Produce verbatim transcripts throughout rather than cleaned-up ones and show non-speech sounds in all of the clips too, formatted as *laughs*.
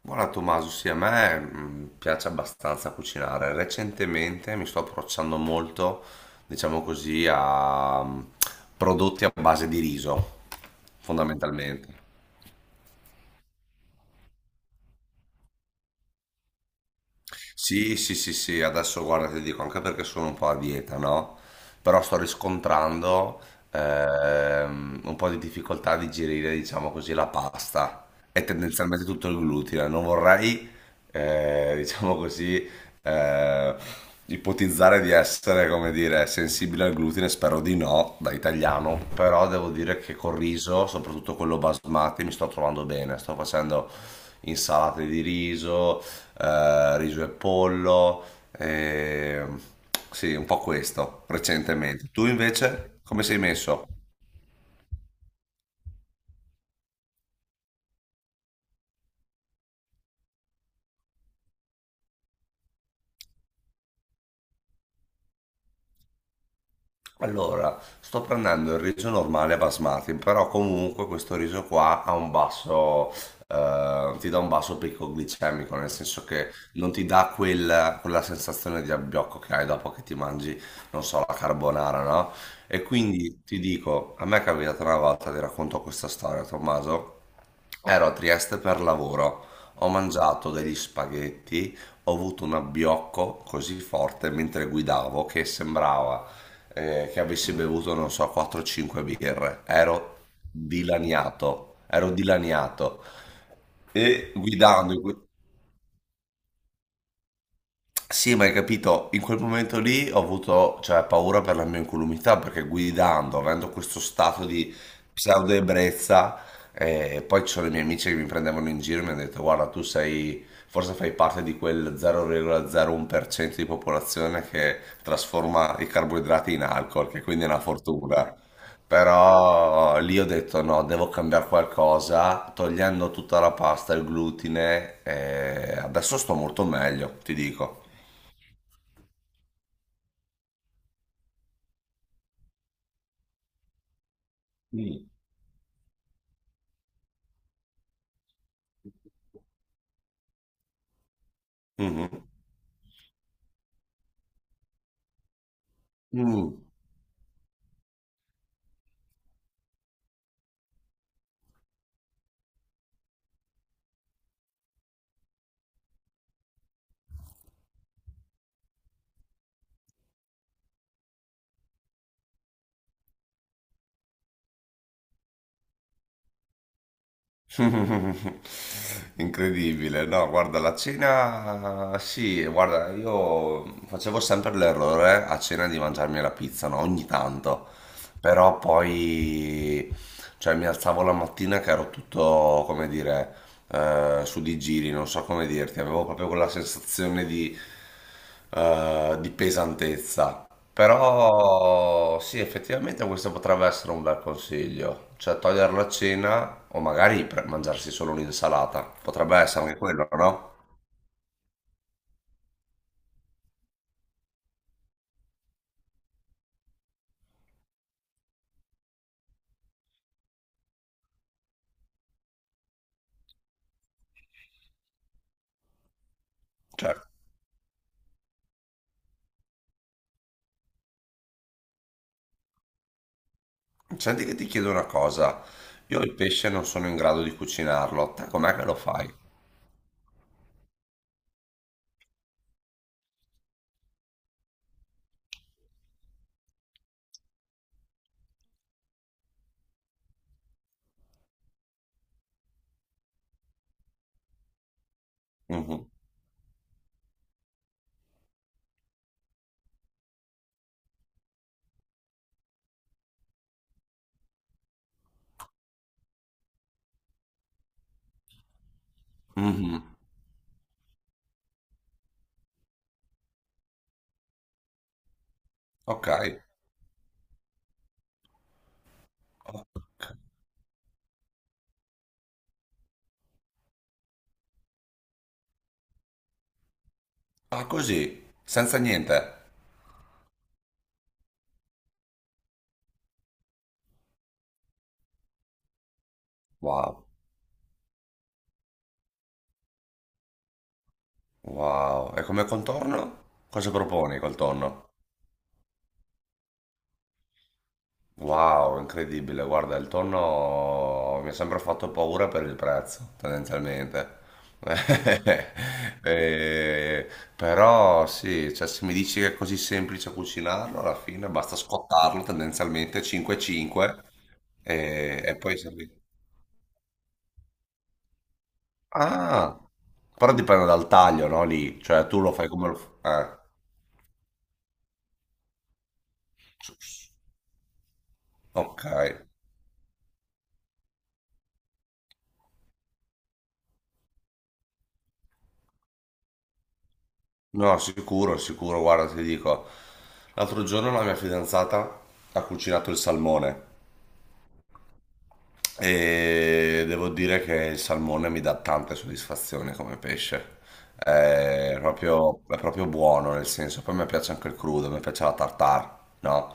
Guarda Tommaso, sì, a me mh, piace abbastanza cucinare. Recentemente mi sto approcciando molto, diciamo così, a mh, prodotti a base di riso, fondamentalmente. Sì, sì, sì, sì, adesso guarda, ti dico anche perché sono un po' a dieta, no? Però sto riscontrando ehm, un po' di difficoltà a digerire, diciamo così, la pasta e tendenzialmente tutto il glutine. Non vorrei, eh, *laughs* diciamo così, eh, ipotizzare di essere, come dire, sensibile al glutine, spero di no, da italiano, però devo dire che col riso, soprattutto quello basmati, mi sto trovando bene, sto facendo insalate di riso eh, riso e pollo, eh, sì, un po' questo recentemente. Tu invece come sei messo? Allora, sto prendendo il riso normale basmati, però comunque questo riso qua ha un basso, eh, ti dà un basso picco glicemico, nel senso che non ti dà quel- quella sensazione di abbiocco che hai dopo che ti mangi, non so, la carbonara, no? E quindi ti dico, a me è capitata una volta, ti racconto questa storia, Tommaso, ero a Trieste per lavoro, ho mangiato degli spaghetti, ho avuto un abbiocco così forte mentre guidavo che sembrava eh, che avessi bevuto, non so, quattro o cinque birre. Ero dilaniato, ero dilaniato. E guidando, in que- sì, ma hai capito, in quel momento lì ho avuto, cioè, paura per la mia incolumità perché guidando, avendo questo stato di pseudo-ebbrezza, eh, poi ci sono i miei amici che mi prendevano in giro e mi hanno detto: Guarda, tu sei, forse fai parte di quel zero virgola zero uno per cento di popolazione che trasforma i carboidrati in alcol, che quindi è una fortuna. Però lì ho detto: No, devo cambiare qualcosa, togliendo tutta la pasta, il glutine, e adesso sto molto meglio, ti dico. Mm. Mhm. Mm. *laughs* Incredibile, no? Guarda, la cena, sì, guarda, io facevo sempre l'errore eh, a cena di mangiarmi la pizza, no? Ogni tanto, però poi, cioè, mi alzavo la mattina che ero tutto, come dire, eh, su di giri, non so come dirti, avevo proprio quella sensazione di, eh, di pesantezza. Però sì, effettivamente questo potrebbe essere un bel consiglio, cioè togliere la cena o magari pre- mangiarsi solo un'insalata, potrebbe essere anche quello, no? Cioè, senti che ti chiedo una cosa, io il pesce non sono in grado di cucinarlo, te com'è che lo fai? Mhm, mhm. Ok, ok. Ah, così, senza niente. Wow, wow. E come contorno? Cosa proponi col tonno? Wow, incredibile. Guarda, il tonno mi ha sempre fatto paura per il prezzo, tendenzialmente. *laughs* Eh, però sì, cioè, se mi dici che è così semplice cucinarlo, alla fine basta scottarlo tendenzialmente cinque cinque e, e poi serve. Ah, però dipende dal taglio, no? Lì, cioè tu lo fai come lo fai. Ok. No, sicuro, sicuro, guarda, ti dico. L'altro giorno la mia fidanzata ha cucinato il salmone e devo dire che il salmone mi dà tante soddisfazioni come pesce. È proprio, è proprio buono, nel senso, poi mi piace anche il crudo, mi piace la tartare, no?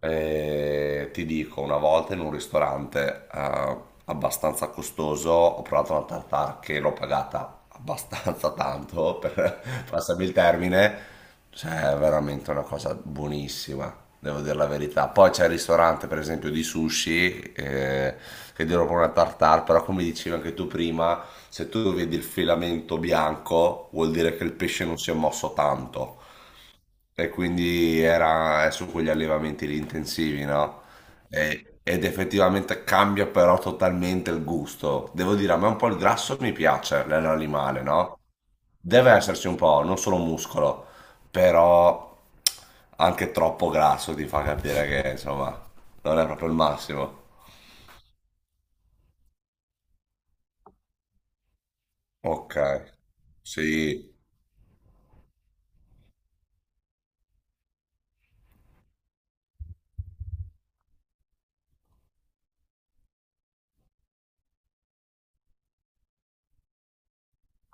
E ti dico, una volta in un ristorante eh, abbastanza costoso ho provato una tartare che l'ho pagata abbastanza tanto, per *laughs* passarmi il termine. Cioè, è veramente una cosa buonissima, devo dire la verità. Poi c'è il ristorante, per esempio, di sushi, eh, che dirò proprio una tartare, però come dicevi anche tu prima, se tu vedi il filamento bianco, vuol dire che il pesce non si è mosso tanto. E quindi era è su quegli allevamenti lì intensivi, no? E- ed effettivamente cambia però totalmente il gusto. Devo dire, a me un po' il grasso mi piace nell'animale, no? Deve esserci un po', non solo muscolo, però anche troppo grasso ti fa capire che, insomma, non è proprio il massimo. Ok, sì,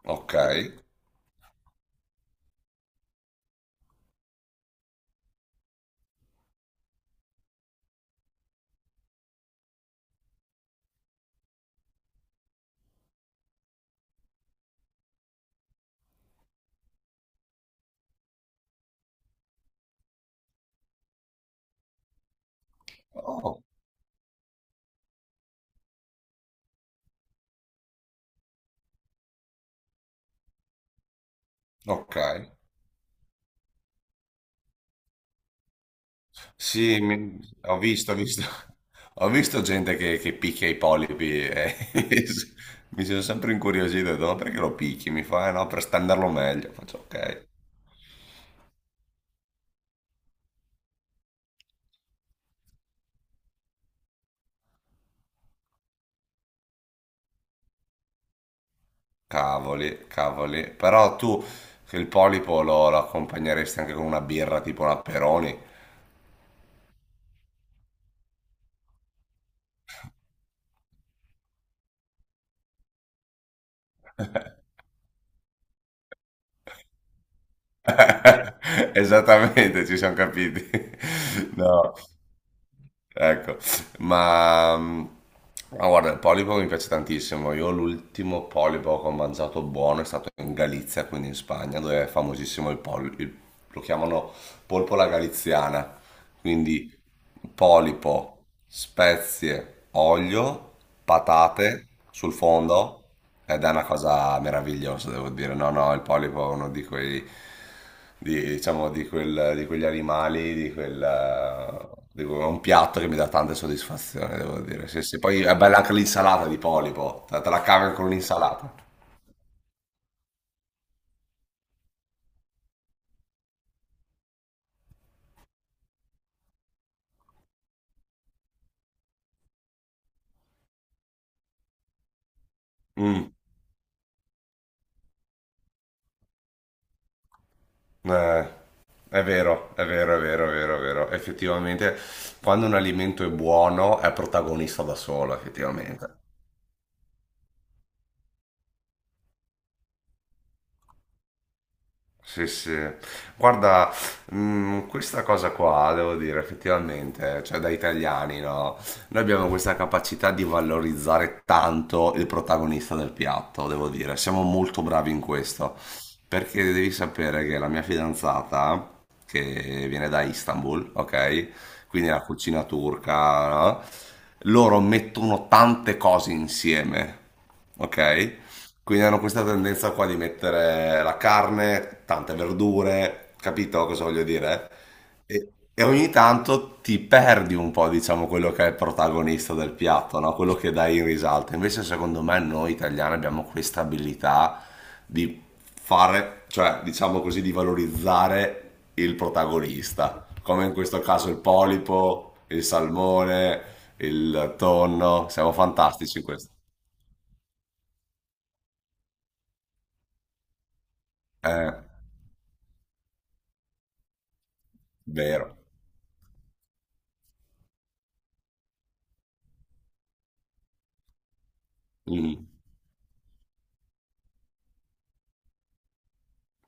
ok, oh, ok. Sì, mi- ho visto, ho visto, *laughs* ho visto gente che, che picchia i polipi e *laughs* mi sono sempre incuriosito, ho detto, ma perché lo picchi? Mi fa, "Eh no, per stenderlo meglio. Faccio, ok, cavoli, cavoli. Però tu che il polipo lo, lo accompagneresti anche con una birra tipo una Peroni? *laughs* Esattamente, ci siamo capiti. *laughs* No. Ecco, ma, ma guarda, il polipo mi piace tantissimo. Io l'ultimo polipo che ho mangiato buono è stato in Galizia, quindi in Spagna, dove è famosissimo il polipo. Lo chiamano polpola galiziana. Quindi polipo, spezie, olio, patate sul fondo ed è una cosa meravigliosa, devo dire. No, no, il polipo è uno di quei di, diciamo, di, quel- di quegli animali, di quel... di quel- è un piatto che mi dà tante soddisfazioni, devo dire. Sì, sì. Poi è bella anche l'insalata di polipo, te te la cavi con l'insalata. Mm, eh, è vero, è vero, è vero, è vero, è vero. Effettivamente, quando un alimento è buono, è protagonista da solo, effettivamente. Sì, sì. Guarda, mh, questa cosa qua, devo dire, effettivamente, cioè da italiani, no? Noi abbiamo questa capacità di valorizzare tanto il protagonista del piatto, devo dire. Siamo molto bravi in questo. Perché devi sapere che la mia fidanzata, che viene da Istanbul, ok? Quindi la cucina turca, no? Loro mettono tante cose insieme, ok? Quindi hanno questa tendenza qua di mettere la carne, tante verdure, capito cosa voglio dire? E, e ogni tanto ti perdi un po', diciamo, quello che è il protagonista del piatto, no? Quello che dai in risalto. Invece, secondo me, noi italiani abbiamo questa abilità di fare, cioè, diciamo così, di valorizzare il protagonista, come in questo caso il polipo, il salmone, il tonno. Siamo fantastici in questo. È vero. Mm,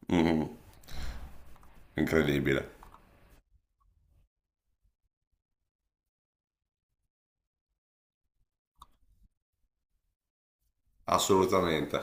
mm, mm, incredibile, assolutamente.